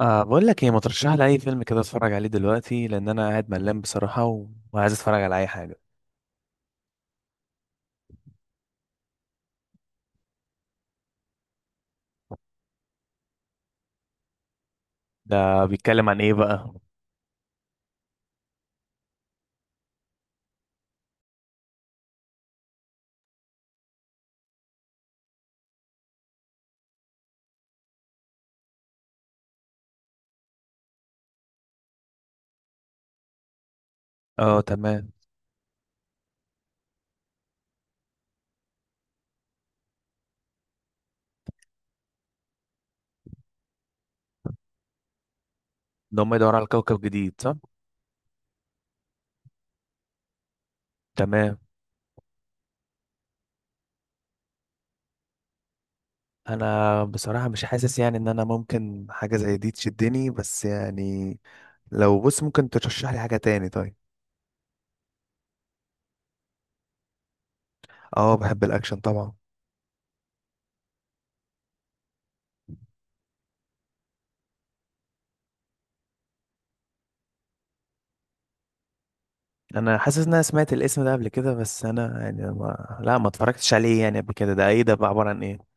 آه، بقول لك ايه، ما ترشح لي اي فيلم كده اتفرج عليه دلوقتي، لان انا قاعد ملان بصراحه وعايز اتفرج على اي حاجه. ده بيتكلم عن ايه بقى؟ اه، تمام. ان هم يدوروا على كوكب جديد، صح؟ تمام. انا بصراحه مش حاسس يعني ان انا ممكن حاجه زي دي تشدني، بس يعني لو، بص، ممكن ترشح لي حاجه تاني طيب؟ اه، بحب الاكشن طبعا. انا حاسس ان انا سمعت الاسم ده قبل كده، بس انا يعني ما... لا، ما اتفرجتش عليه يعني قبل كده. ده ايه ده بقى؟ عباره عن ايه؟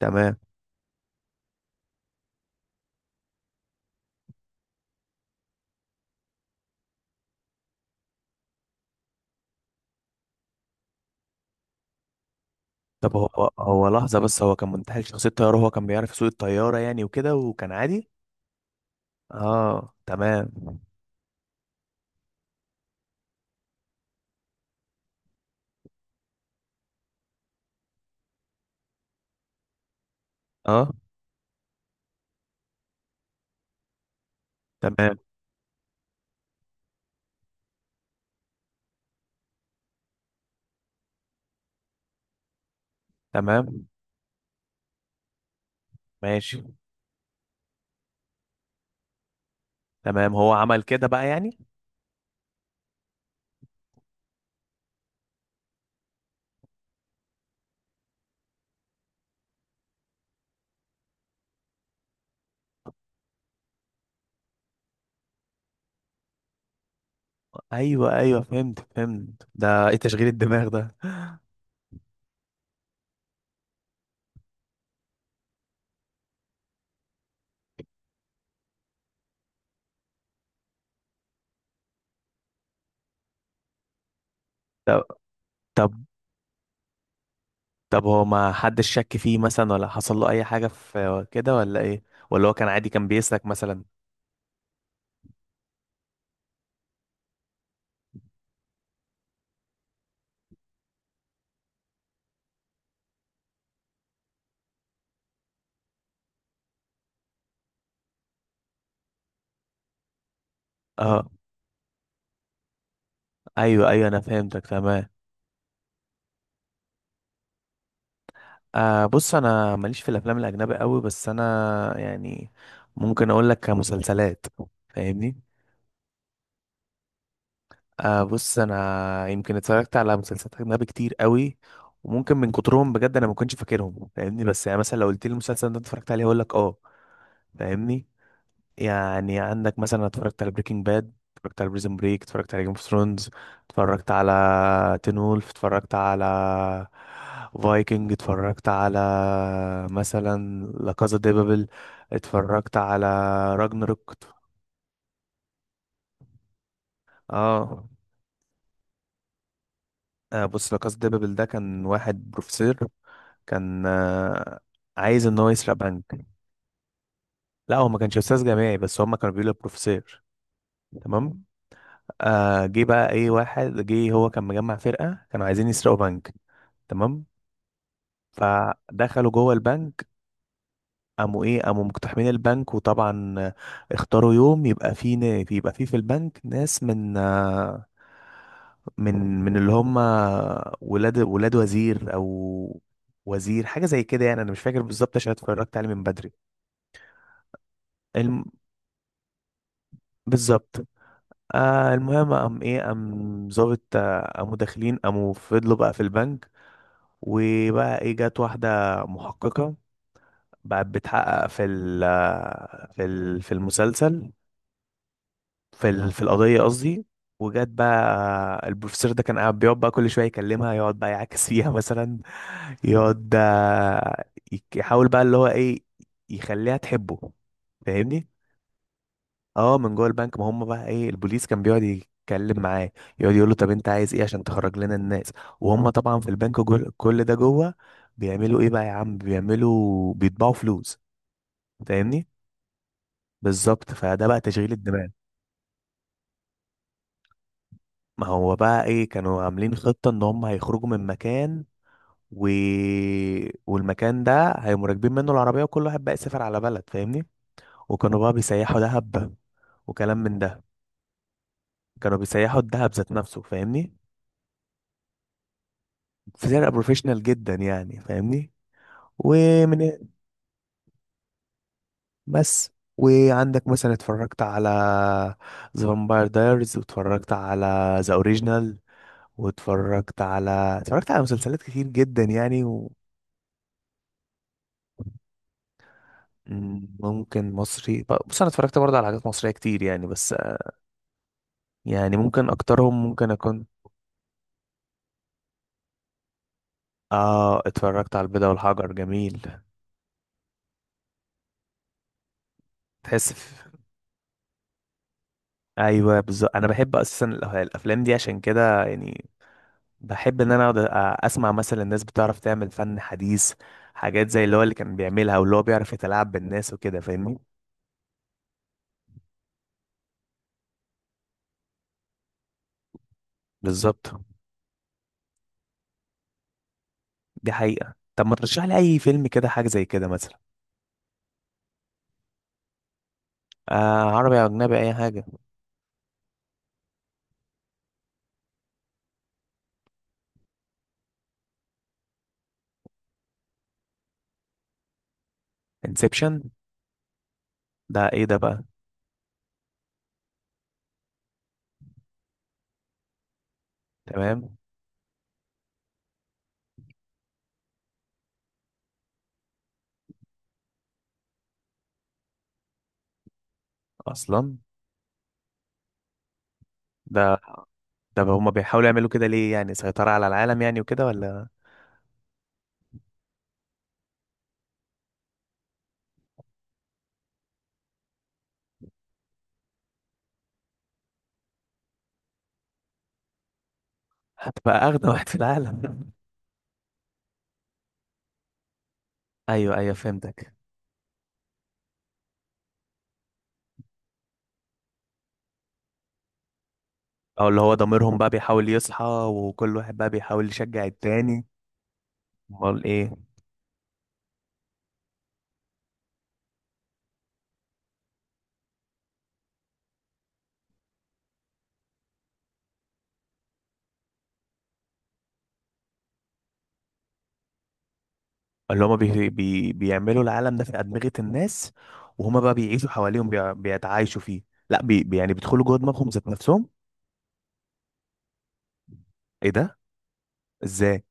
تمام. طب هو لحظة بس، هو كان منتحل شخصية طيارة، هو كان بيعرف يسوق الطيارة يعني وكده، وكان عادي؟ اه، تمام. اه، تمام. تمام، ماشي. تمام، هو عمل كده بقى يعني. ايوه، ايوه، فهمت، فهمت. ده ايه تشغيل الدماغ ده؟ طب، طب، طب، هو ما حدش شك فيه مثلا، ولا حصل له اي حاجة في كده ولا ايه؟ ولا هو كان عادي، كان بيسلك مثلا؟ اه، ايوه، ايوه، انا فهمتك تمام. آه، بص، انا ماليش في الافلام الاجنبي قوي، بس انا يعني ممكن اقول لك كمسلسلات، فاهمني؟ آه، بص، انا يمكن اتفرجت على مسلسلات اجنبي كتير قوي، وممكن من كترهم بجد انا ما كنتش فاكرهم، فاهمني؟ بس يعني مثلا لو قلت لي المسلسل ده اتفرجت عليه هقول لك اه، فاهمني؟ يعني عندك مثلا، اتفرجت على بريكنج باد، اتفرجت على بريزن بريك، اتفرجت على جيم اوف ثرونز، اتفرجت على تين وولف، اتفرجت على فايكنج، اتفرجت على مثلا لا كازا دي بابل، اتفرجت على راجنروك. اه. بص، لا كازا دي بابل ده كان واحد بروفيسور، كان عايز ان هو يسرق بنك. لا، هو ما كانش استاذ جامعي، بس هما كانوا بيقولوا بروفيسور. تمام. آه، جه بقى ايه، واحد جه هو كان مجمع فرقة، كانوا عايزين يسرقوا بنك. تمام. فدخلوا جوه البنك، قاموا ايه، قاموا مقتحمين البنك، وطبعا اختاروا يوم يبقى فيه يبقى فيه في البنك ناس من آه، من من اللي هم ولاد وزير، او وزير حاجة زي كده يعني، انا مش فاكر بالظبط عشان اتفرجت عليه من بدري. الم... بالظبط. آه، المهم، قام ايه، قام ظابط، قاموا داخلين، قاموا فضلوا بقى في البنك. وبقى ايه، جت واحدة محققة، بقت بتحقق في المسلسل في القضية قصدي. وجت بقى البروفيسور ده كان قاعد بيقعد بقى كل شوية يكلمها، يقعد بقى يعاكس فيها مثلا، يقعد يحاول بقى اللي هو ايه، يخليها تحبه، فاهمني؟ اه، من جوه البنك ما هم بقى ايه، البوليس كان بيقعد يتكلم معاه، يقعد يقول له طب انت عايز ايه عشان تخرج لنا الناس. وهم طبعا في البنك، جول كل ده، جوه بيعملوا ايه بقى يا عم، بيعملوا بيطبعوا فلوس، فاهمني؟ بالظبط، فده بقى تشغيل الدماغ. ما هو بقى ايه، كانوا عاملين خطة ان هم هيخرجوا من مكان، و... والمكان ده هيقوموا راكبين منه العربية، وكل واحد بقى يسافر على بلد، فاهمني؟ وكانوا بقى بيسيحوا دهب وكلام من ده، كانوا بيسيحوا الدهب ذات نفسه، فاهمني؟ فرقة بروفيشنال جدا يعني، فاهمني؟ ومن بس. وعندك مثلا، اتفرجت على ذا فامباير دايرز، واتفرجت على ذا اوريجينال، واتفرجت على اتفرجت على مسلسلات كتير جدا يعني. ممكن مصري. بص، انا اتفرجت برضه على حاجات مصرية كتير يعني، بس يعني ممكن اكترهم، ممكن اكون. اه، اتفرجت على البيضة والحجر، جميل. تحس في... ايوه، بالظبط، انا بحب اساسا الافلام دي، عشان كده يعني بحب ان انا اقعد اسمع مثلا الناس بتعرف تعمل فن حديث، حاجات زي اللي هو اللي كان بيعملها، واللي هو بيعرف يتلاعب بالناس وكده، فاهمني؟ بالظبط. دي حقيقة. طب ما ترشح لي اي فيلم كده، حاجة زي كده مثلا؟ آه، عربي او اجنبي، اي حاجة. انسبشن؟ ده ايه ده بقى؟ تمام. اصلا. ده؟ طب هما بيحاولوا يعملوا كده ليه يعني، سيطرة على العالم يعني وكده، ولا؟ هتبقى اغنى واحد في العالم. ايوه، ايوه، فهمتك. او اللي هو ضميرهم بقى بيحاول يصحى، وكل واحد بقى بيحاول يشجع التاني. امال ايه؟ اللي هما بي بي بيعملوا العالم ده في أدمغة الناس، وهما بقى بيعيشوا حواليهم، بيتعايشوا فيه. لا، يعني بيدخلوا جوه دماغهم ذات نفسهم. ايه ده؟ ازاي؟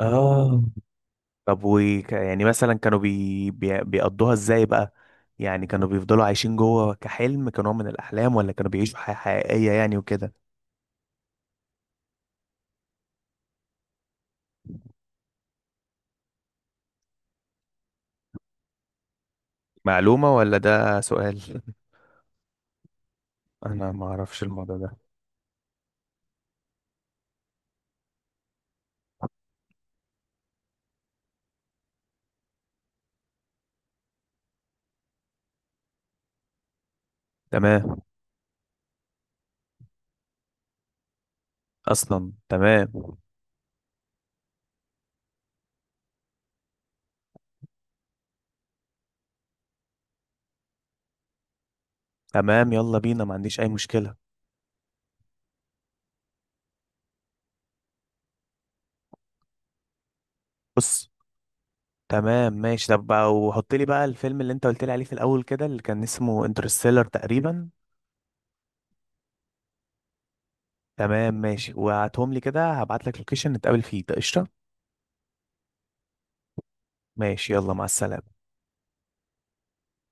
اه. طب و... يعني مثلا كانوا بي بي بيقضوها ازاي بقى؟ يعني كانوا بيفضلوا عايشين جوه كحلم، كنوع من الأحلام، ولا كانوا بيعيشوا حياة حقيقية يعني وكده؟ معلومة ولا ده سؤال؟ انا ما اعرفش الموضوع ده. تمام. اصلا تمام. تمام، يلا بينا، ما عنديش اي مشكلة. بص. تمام، ماشي. طب بقى وحط لي بقى الفيلم اللي انت قلت لي عليه في الاول كده، اللي كان اسمه انترستيلر تقريبا. تمام، ماشي. وهاتهم لي كده، هبعت لك لوكيشن نتقابل فيه، ده قشطه. ماشي، يلا، مع السلامه.